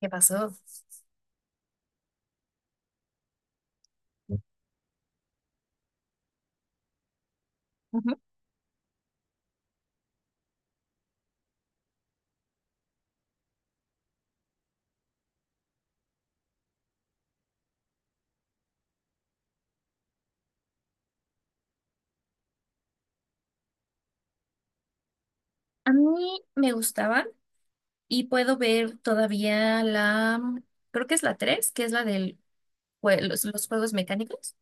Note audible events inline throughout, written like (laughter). ¿Qué pasó? A mí me gustaban y puedo ver todavía la creo que es la 3 que es la del los juegos mecánicos,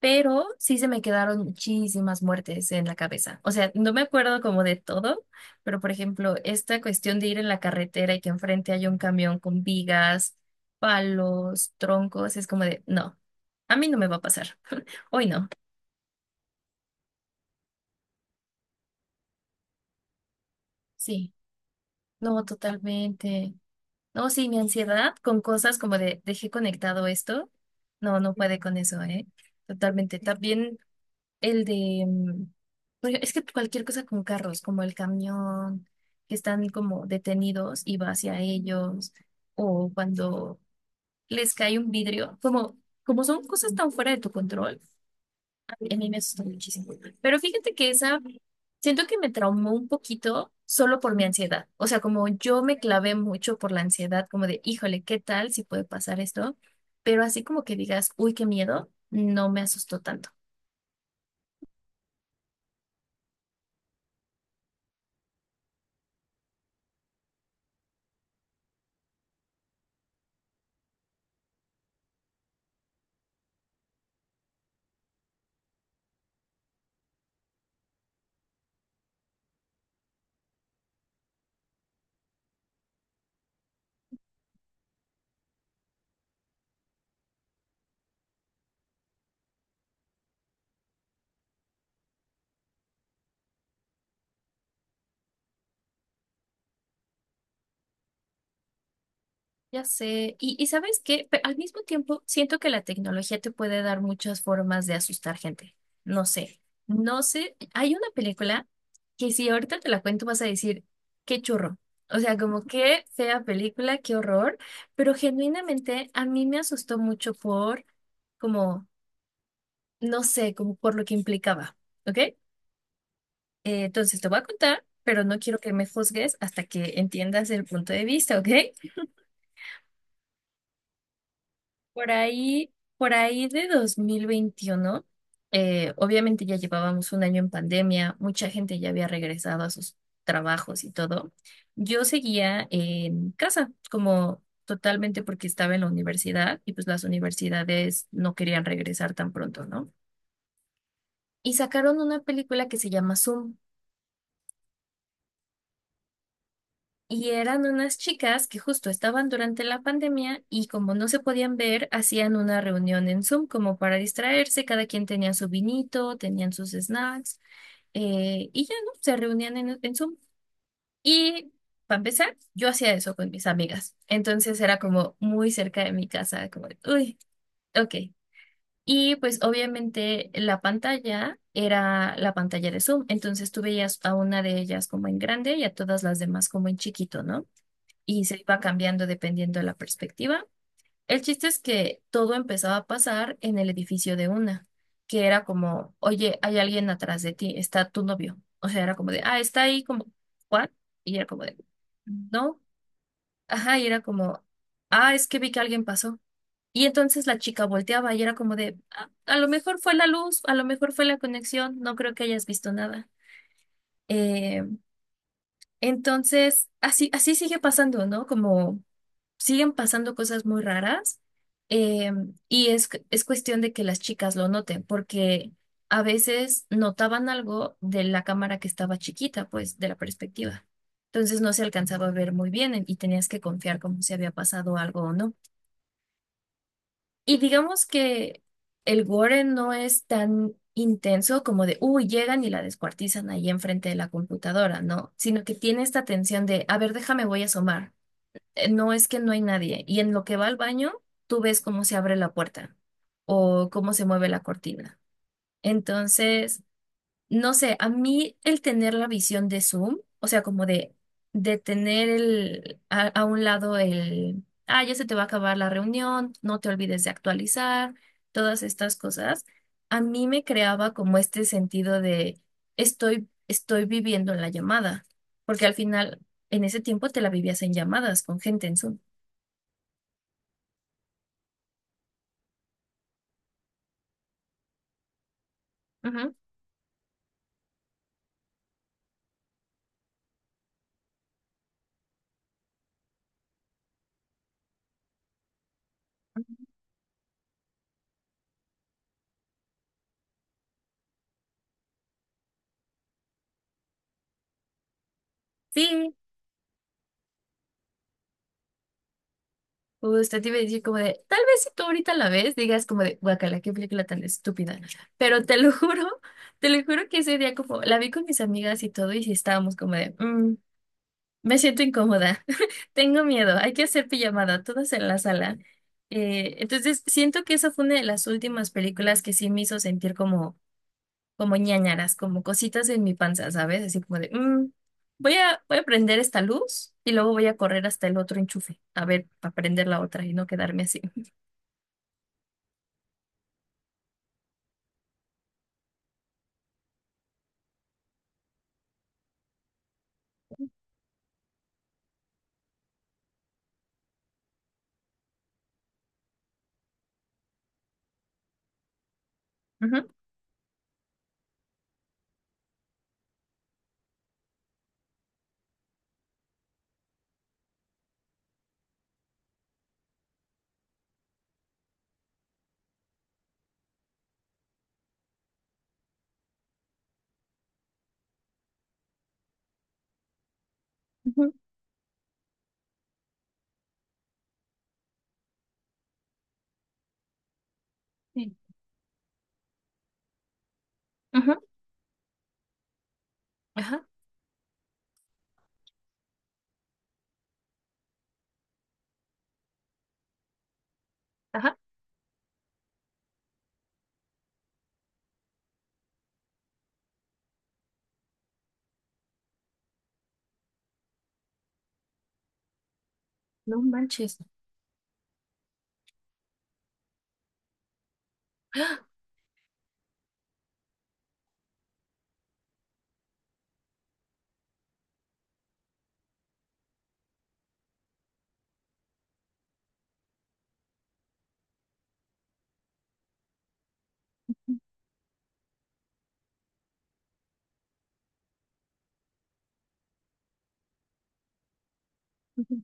pero sí se me quedaron muchísimas muertes en la cabeza. O sea, no me acuerdo como de todo, pero por ejemplo, esta cuestión de ir en la carretera y que enfrente haya un camión con vigas, palos, troncos, es como de, no, a mí no me va a pasar. Hoy no. Sí, no, totalmente. No, sí, mi ansiedad con cosas como de dejé conectado esto. No, no puede con eso, ¿eh? Totalmente. También el de es que cualquier cosa con carros, como el camión, que están como detenidos y va hacia ellos, o cuando les cae un vidrio, como, como son cosas tan fuera de tu control, a mí me asustó muchísimo. Pero fíjate que esa, siento que me traumó un poquito solo por mi ansiedad. O sea, como yo me clavé mucho por la ansiedad, como de, híjole, ¿qué tal si puede pasar esto? Pero así como que digas, uy, qué miedo, no me asustó tanto. Ya sé, y ¿sabes qué? Al mismo tiempo, siento que la tecnología te puede dar muchas formas de asustar gente. No sé, hay una película que si ahorita te la cuento vas a decir, qué churro. O sea, como qué fea película, qué horror, pero genuinamente a mí me asustó mucho por, como, no sé, como por lo que implicaba, ¿ok? Entonces te voy a contar, pero no quiero que me juzgues hasta que entiendas el punto de vista, ¿ok? Por ahí de 2021, obviamente ya llevábamos un año en pandemia, mucha gente ya había regresado a sus trabajos y todo. Yo seguía en casa, como totalmente porque estaba en la universidad y pues las universidades no querían regresar tan pronto, ¿no? Y sacaron una película que se llama Zoom. Y eran unas chicas que justo estaban durante la pandemia y como no se podían ver, hacían una reunión en Zoom como para distraerse. Cada quien tenía su vinito, tenían sus snacks, y ya, ¿no? Se reunían en Zoom. Y para empezar, yo hacía eso con mis amigas. Entonces era como muy cerca de mi casa, como, de, uy, ok. Y pues obviamente la pantalla era la pantalla de Zoom. Entonces tú veías a una de ellas como en grande y a todas las demás como en chiquito, ¿no? Y se iba cambiando dependiendo de la perspectiva. El chiste es que todo empezaba a pasar en el edificio de una, que era como, oye, hay alguien atrás de ti, está tu novio. O sea, era como de, ah, está ahí como, ¿what? Y era como de, no, ajá, y era como, ah, es que vi que alguien pasó. Y entonces la chica volteaba y era como de, "Ah, a lo mejor fue la luz, a lo mejor fue la conexión, no creo que hayas visto nada. Eh, entonces, así sigue pasando, ¿no? Como siguen pasando cosas muy raras, eh, y es cuestión de que las chicas lo noten, porque a veces notaban algo de la cámara que estaba chiquita, pues de la perspectiva. Entonces no se alcanzaba a ver muy bien y tenías que confiar como si había pasado algo o no. Y digamos que el gore no es tan intenso como de, uy, llegan y la descuartizan ahí enfrente de la computadora, ¿no? Sino que tiene esta tensión de, a ver, déjame, voy a asomar. No, es que no hay nadie. Y en lo que va al baño, tú ves cómo se abre la puerta o cómo se mueve la cortina. Entonces, no sé, a mí el tener la visión de Zoom, o sea, como de tener el, a un lado el, ah, ya se te va a acabar la reunión, no te olvides de actualizar, todas estas cosas, a mí me creaba como este sentido de estoy viviendo la llamada, porque al final en ese tiempo te la vivías en llamadas con gente en Zoom. Ujú. Sí, usted te iba a decir como de, tal vez si tú ahorita la ves, digas como de, guacala, qué película tan estúpida. Pero te lo (laughs) juro, te lo juro que ese día como, la vi con mis amigas y todo, y sí estábamos como de, "Mm, me siento incómoda, (laughs) tengo miedo, hay que hacer pijamada, todas en la sala. Entonces, siento que esa fue una de las últimas películas que sí me hizo sentir como como ñáñaras, como cositas en mi panza, ¿sabes? Así como de, "Mm, voy a prender esta luz y luego voy a correr hasta el otro enchufe, a ver, para prender la otra y no quedarme así. Ujú, ujú, sí, ujú, ajá, ajá, no manches. ¡Ah! Ujú,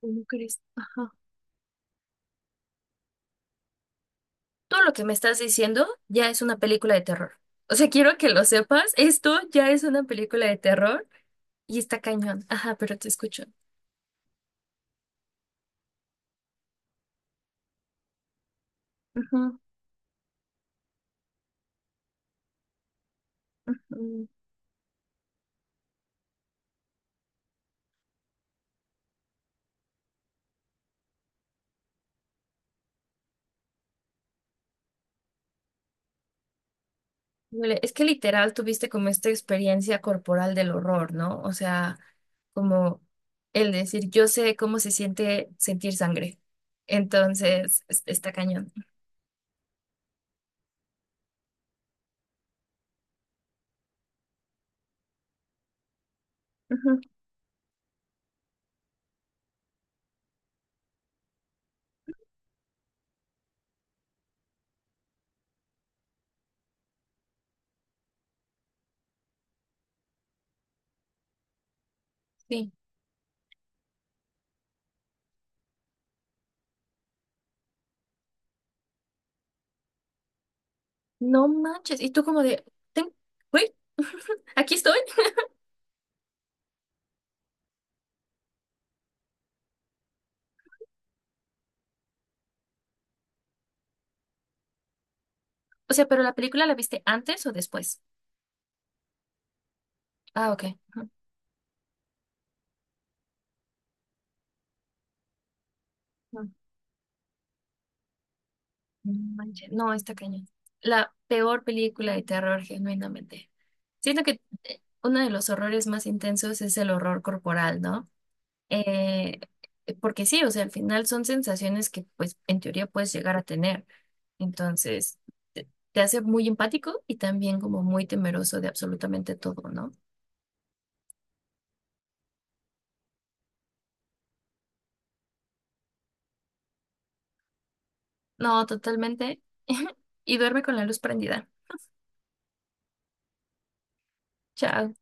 ¿cómo crees? Ajá. Todo lo que me estás diciendo ya es una película de terror. O sea, quiero que lo sepas, esto ya es una película de terror y está cañón. Ajá, pero te escucho. Ujú, ujú. Híjole, es que literal tuviste como esta experiencia corporal del horror, ¿no? O sea, como el decir, yo sé cómo se siente sentir sangre. Entonces, está cañón. Ujú, sí. No manches. Y tú como de, "Ten- güey, (laughs) aquí estoy. O sea, pero la película la viste antes o después. Ah, ok. Ujú. No manches. No, está cañón. La peor película de terror, genuinamente. Siento que uno de los horrores más intensos es el horror corporal, ¿no? Eh, Porque sí, o sea, al final son sensaciones que pues en teoría puedes llegar a tener. Entonces, te hace muy empático y también como muy temeroso de absolutamente todo, ¿no? No, totalmente. (laughs) Y duerme con la luz prendida. Chao.